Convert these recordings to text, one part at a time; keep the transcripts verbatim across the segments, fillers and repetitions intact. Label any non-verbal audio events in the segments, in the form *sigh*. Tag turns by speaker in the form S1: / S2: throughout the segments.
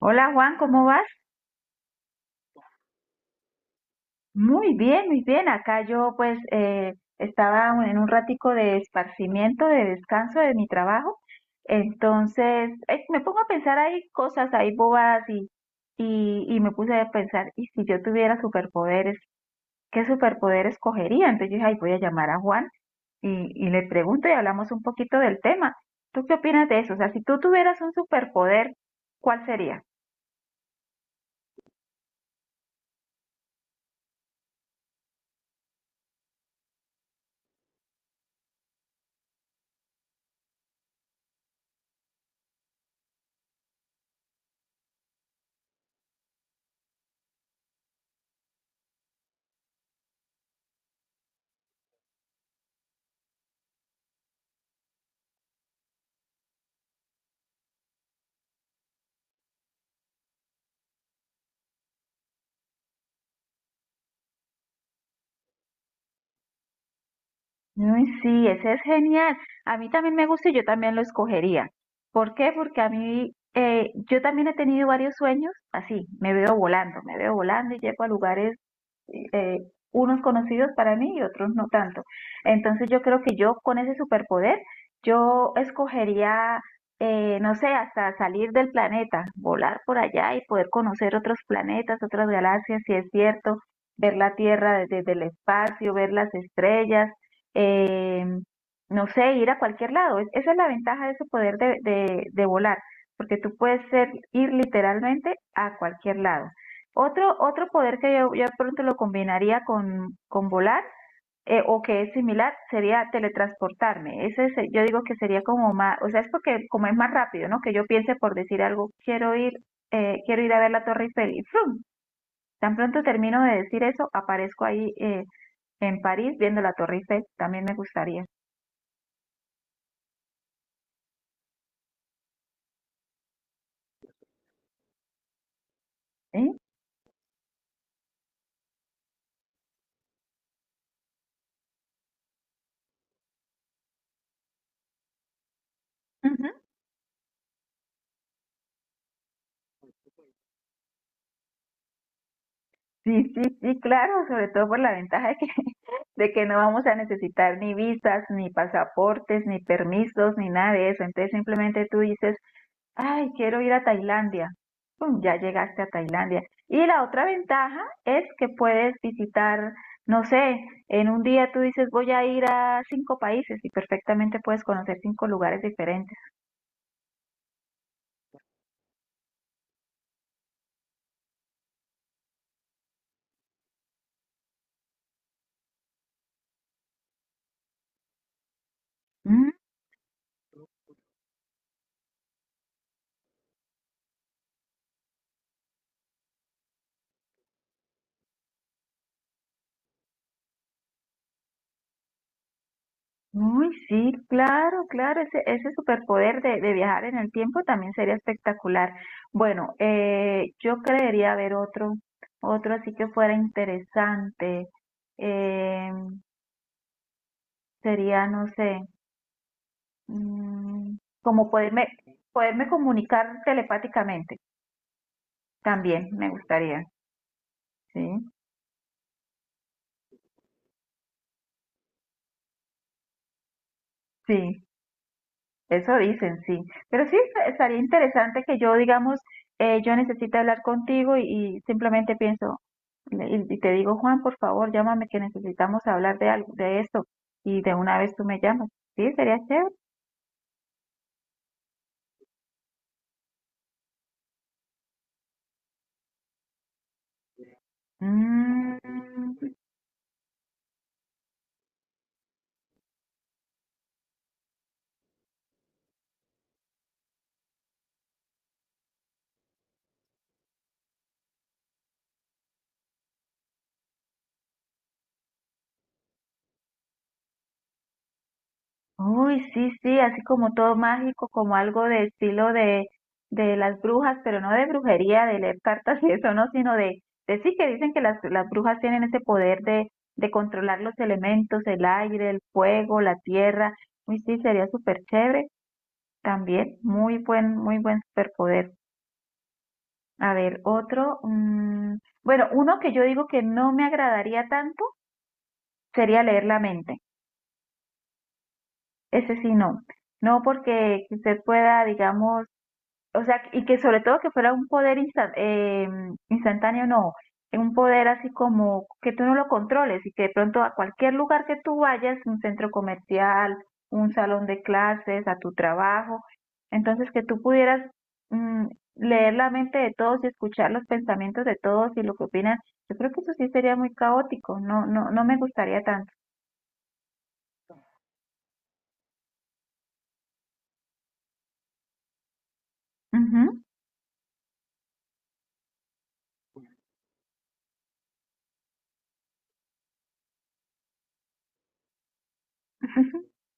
S1: Hola Juan, ¿cómo vas? Muy bien, muy bien. Acá yo pues eh, estaba en un ratico de esparcimiento, de descanso de mi trabajo. Entonces eh, me pongo a pensar ahí cosas, ahí bobadas y, y, y me puse a pensar, ¿y si yo tuviera superpoderes, qué superpoder escogería? Entonces yo dije, ay, voy a llamar a Juan y, y le pregunto y hablamos un poquito del tema. ¿Tú qué opinas de eso? O sea, si tú tuvieras un superpoder, ¿cuál sería? Uy, sí, ese es genial. A mí también me gusta y yo también lo escogería. ¿Por qué? Porque a mí, eh, yo también he tenido varios sueños así, me veo volando, me veo volando y llego a lugares eh, unos conocidos para mí y otros no tanto. Entonces yo creo que yo con ese superpoder, yo escogería, eh, no sé, hasta salir del planeta, volar por allá y poder conocer otros planetas, otras galaxias, si es cierto, ver la Tierra desde, desde el espacio, ver las estrellas, eh, no sé, ir a cualquier lado. Es- Esa es la ventaja de ese poder de, de, de volar, porque tú puedes ser, ir literalmente a cualquier lado. Otro, otro poder que yo ya pronto lo combinaría con, con volar eh, o que es similar sería teletransportarme. Ese se- yo digo que sería como más, o sea, es porque como es más rápido, ¿no? Que yo piense por decir algo, quiero ir, eh, quiero ir a ver la Torre Eiffel y ¡frum! Tan pronto termino de decir eso, aparezco ahí eh, en París viendo la Torre Eiffel. También me gustaría. ¿Sí? Ujú. Sí, sí, sí, claro, sobre todo por la ventaja de que, *laughs* de que no vamos a necesitar ni visas, ni pasaportes, ni permisos, ni nada de eso. Entonces simplemente tú dices, ay, quiero ir a Tailandia. Pum, ya llegaste a Tailandia. Y la otra ventaja es que puedes visitar, no sé, en un día tú dices, voy a ir a cinco países y perfectamente puedes conocer cinco lugares diferentes. Uy, sí, claro, claro, ese, ese superpoder de, de viajar en el tiempo también sería espectacular. Bueno, eh, yo creería haber otro, otro así que fuera interesante. Eh, sería, no sé, mm, como poderme, poderme comunicar telepáticamente, también me gustaría, ¿sí? Sí. Eso dicen, sí. Pero sí, est- estaría interesante que yo, digamos, eh, yo necesito hablar contigo y, y simplemente pienso y, y te digo, Juan, por favor, llámame que necesitamos hablar de algo, de esto. Y de una vez tú me llamas. Sí, sería chévere. Mm, Uy, sí, sí, así como todo mágico, como algo de estilo de, de las brujas, pero no de brujería, de leer cartas y eso, no, sino de, de sí que dicen que las, las brujas tienen ese poder de, de controlar los elementos, el aire, el fuego, la tierra. Uy, sí, sería súper chévere también, muy buen, muy buen superpoder. A ver, otro, mm, bueno, uno que yo digo que no me agradaría tanto sería leer la mente. Ese sí no. No porque usted pueda, digamos, o sea, y que sobre todo que fuera un poder instan- eh, instantáneo, no, un poder así como que tú no lo controles y que de pronto a cualquier lugar que tú vayas, un centro comercial, un salón de clases, a tu trabajo, entonces que tú pudieras mm, leer la mente de todos y escuchar los pensamientos de todos y lo que opinan, yo creo que eso sí sería muy caótico, no, no, no me gustaría tanto. Ujú. *laughs*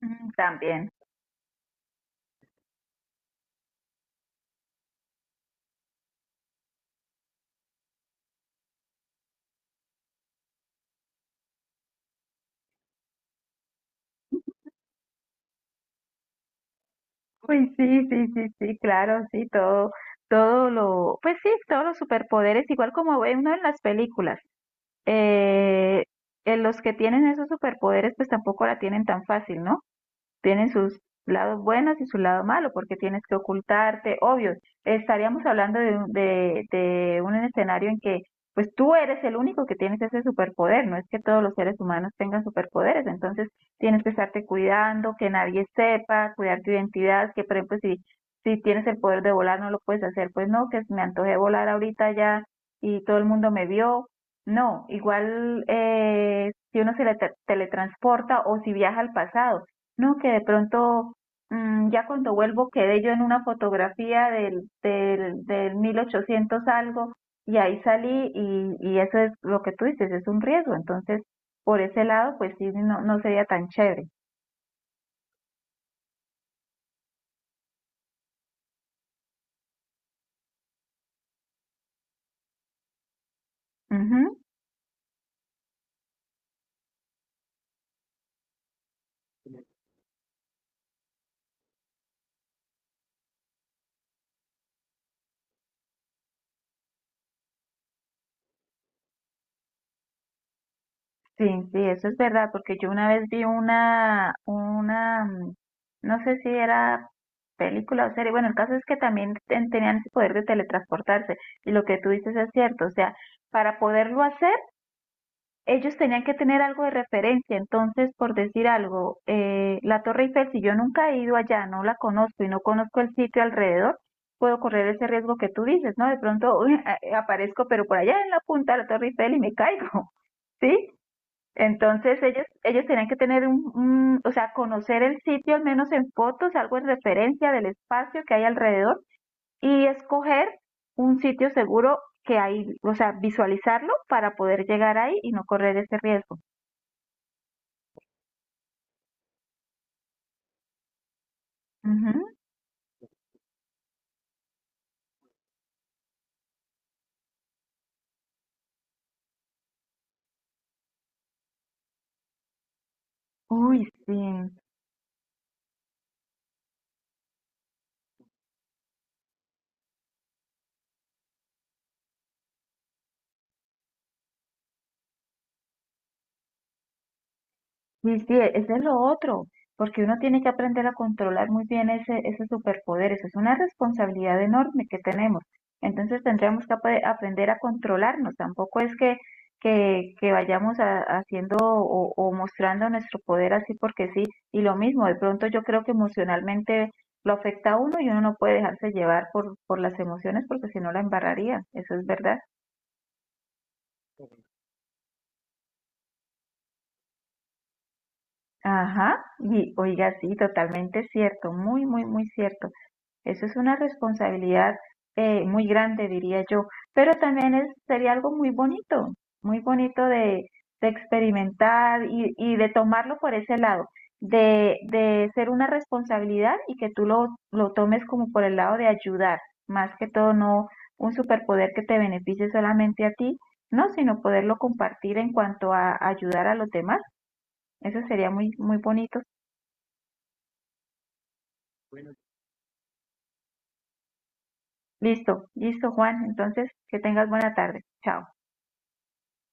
S1: Mm, también. Uy, sí, sí, sí, sí, claro, sí, todo, todo lo, pues sí, todos los superpoderes, igual como ve uno en las películas, eh, en los que tienen esos superpoderes, pues tampoco la tienen tan fácil, ¿no? Tienen sus lados buenos y su lado malo, porque tienes que ocultarte, obvio, estaríamos hablando de, un- de, de un escenario en que pues tú eres el único que tienes ese superpoder, no es que todos los seres humanos tengan superpoderes, entonces tienes que estarte cuidando, que nadie sepa, cuidar tu identidad, que por ejemplo si, si tienes el poder de volar no lo puedes hacer, pues no, que me antojé volar ahorita ya y todo el mundo me vio, no, igual eh, si uno se le te- teletransporta o si viaja al pasado, no, que de pronto, mm, ya cuando vuelvo, quedé yo en una fotografía del, del, del mil ochocientos algo y ahí salí y, y eso es lo que tú dices, es un riesgo. Entonces, por ese lado, pues sí, no, no sería tan chévere. Ujú. Sí, sí, eso es verdad, porque yo una vez vi una, una, mm, no sé si era película o serie, bueno, el caso es que también ten- tenían ese poder de teletransportarse y lo que tú dices es cierto, o sea, para poderlo hacer, ellos tenían que tener algo de referencia, entonces, por decir algo, eh, la Torre Eiffel, si yo nunca he ido allá, no la conozco y no conozco el sitio alrededor, puedo correr ese riesgo que tú dices, ¿no? De pronto *laughs* uy, a- eh, aparezco, pero por allá en la punta de la Torre Eiffel y me caigo, *laughs* ¿sí? Entonces ellos, ellos tenían que tener un, un- o sea, conocer el sitio al menos en fotos, algo en referencia del espacio que hay alrededor y escoger un sitio seguro que ahí, o sea, visualizarlo para poder llegar ahí y no correr ese riesgo. Ujú. Uy, sí. Sí, sí, ese es lo otro, porque uno tiene que aprender a controlar muy bien ese, ese superpoder, eso es una responsabilidad enorme que tenemos. Entonces tendríamos que apre- aprender a controlarnos, tampoco es que, que, que vayamos a- haciendo o, o mostrando nuestro poder así porque sí, y lo mismo, de pronto yo creo que emocionalmente lo afecta a uno y uno no puede dejarse llevar por, por las emociones porque si no la embarraría, eso es verdad. Ajá, y oiga, sí, totalmente cierto, muy, muy, muy cierto. Eso es una responsabilidad eh, muy grande, diría yo, pero también es, sería algo muy bonito, muy bonito de, de experimentar y, y de tomarlo por ese lado, de, de ser una responsabilidad y que tú lo, lo tomes como por el lado de ayudar, más que todo no un superpoder que te beneficie solamente a ti, no, sino poderlo compartir en cuanto a ayudar a los demás. Eso sería muy, muy bonito. Listo, listo, Juan. Entonces, que tengas buena tarde. Chao.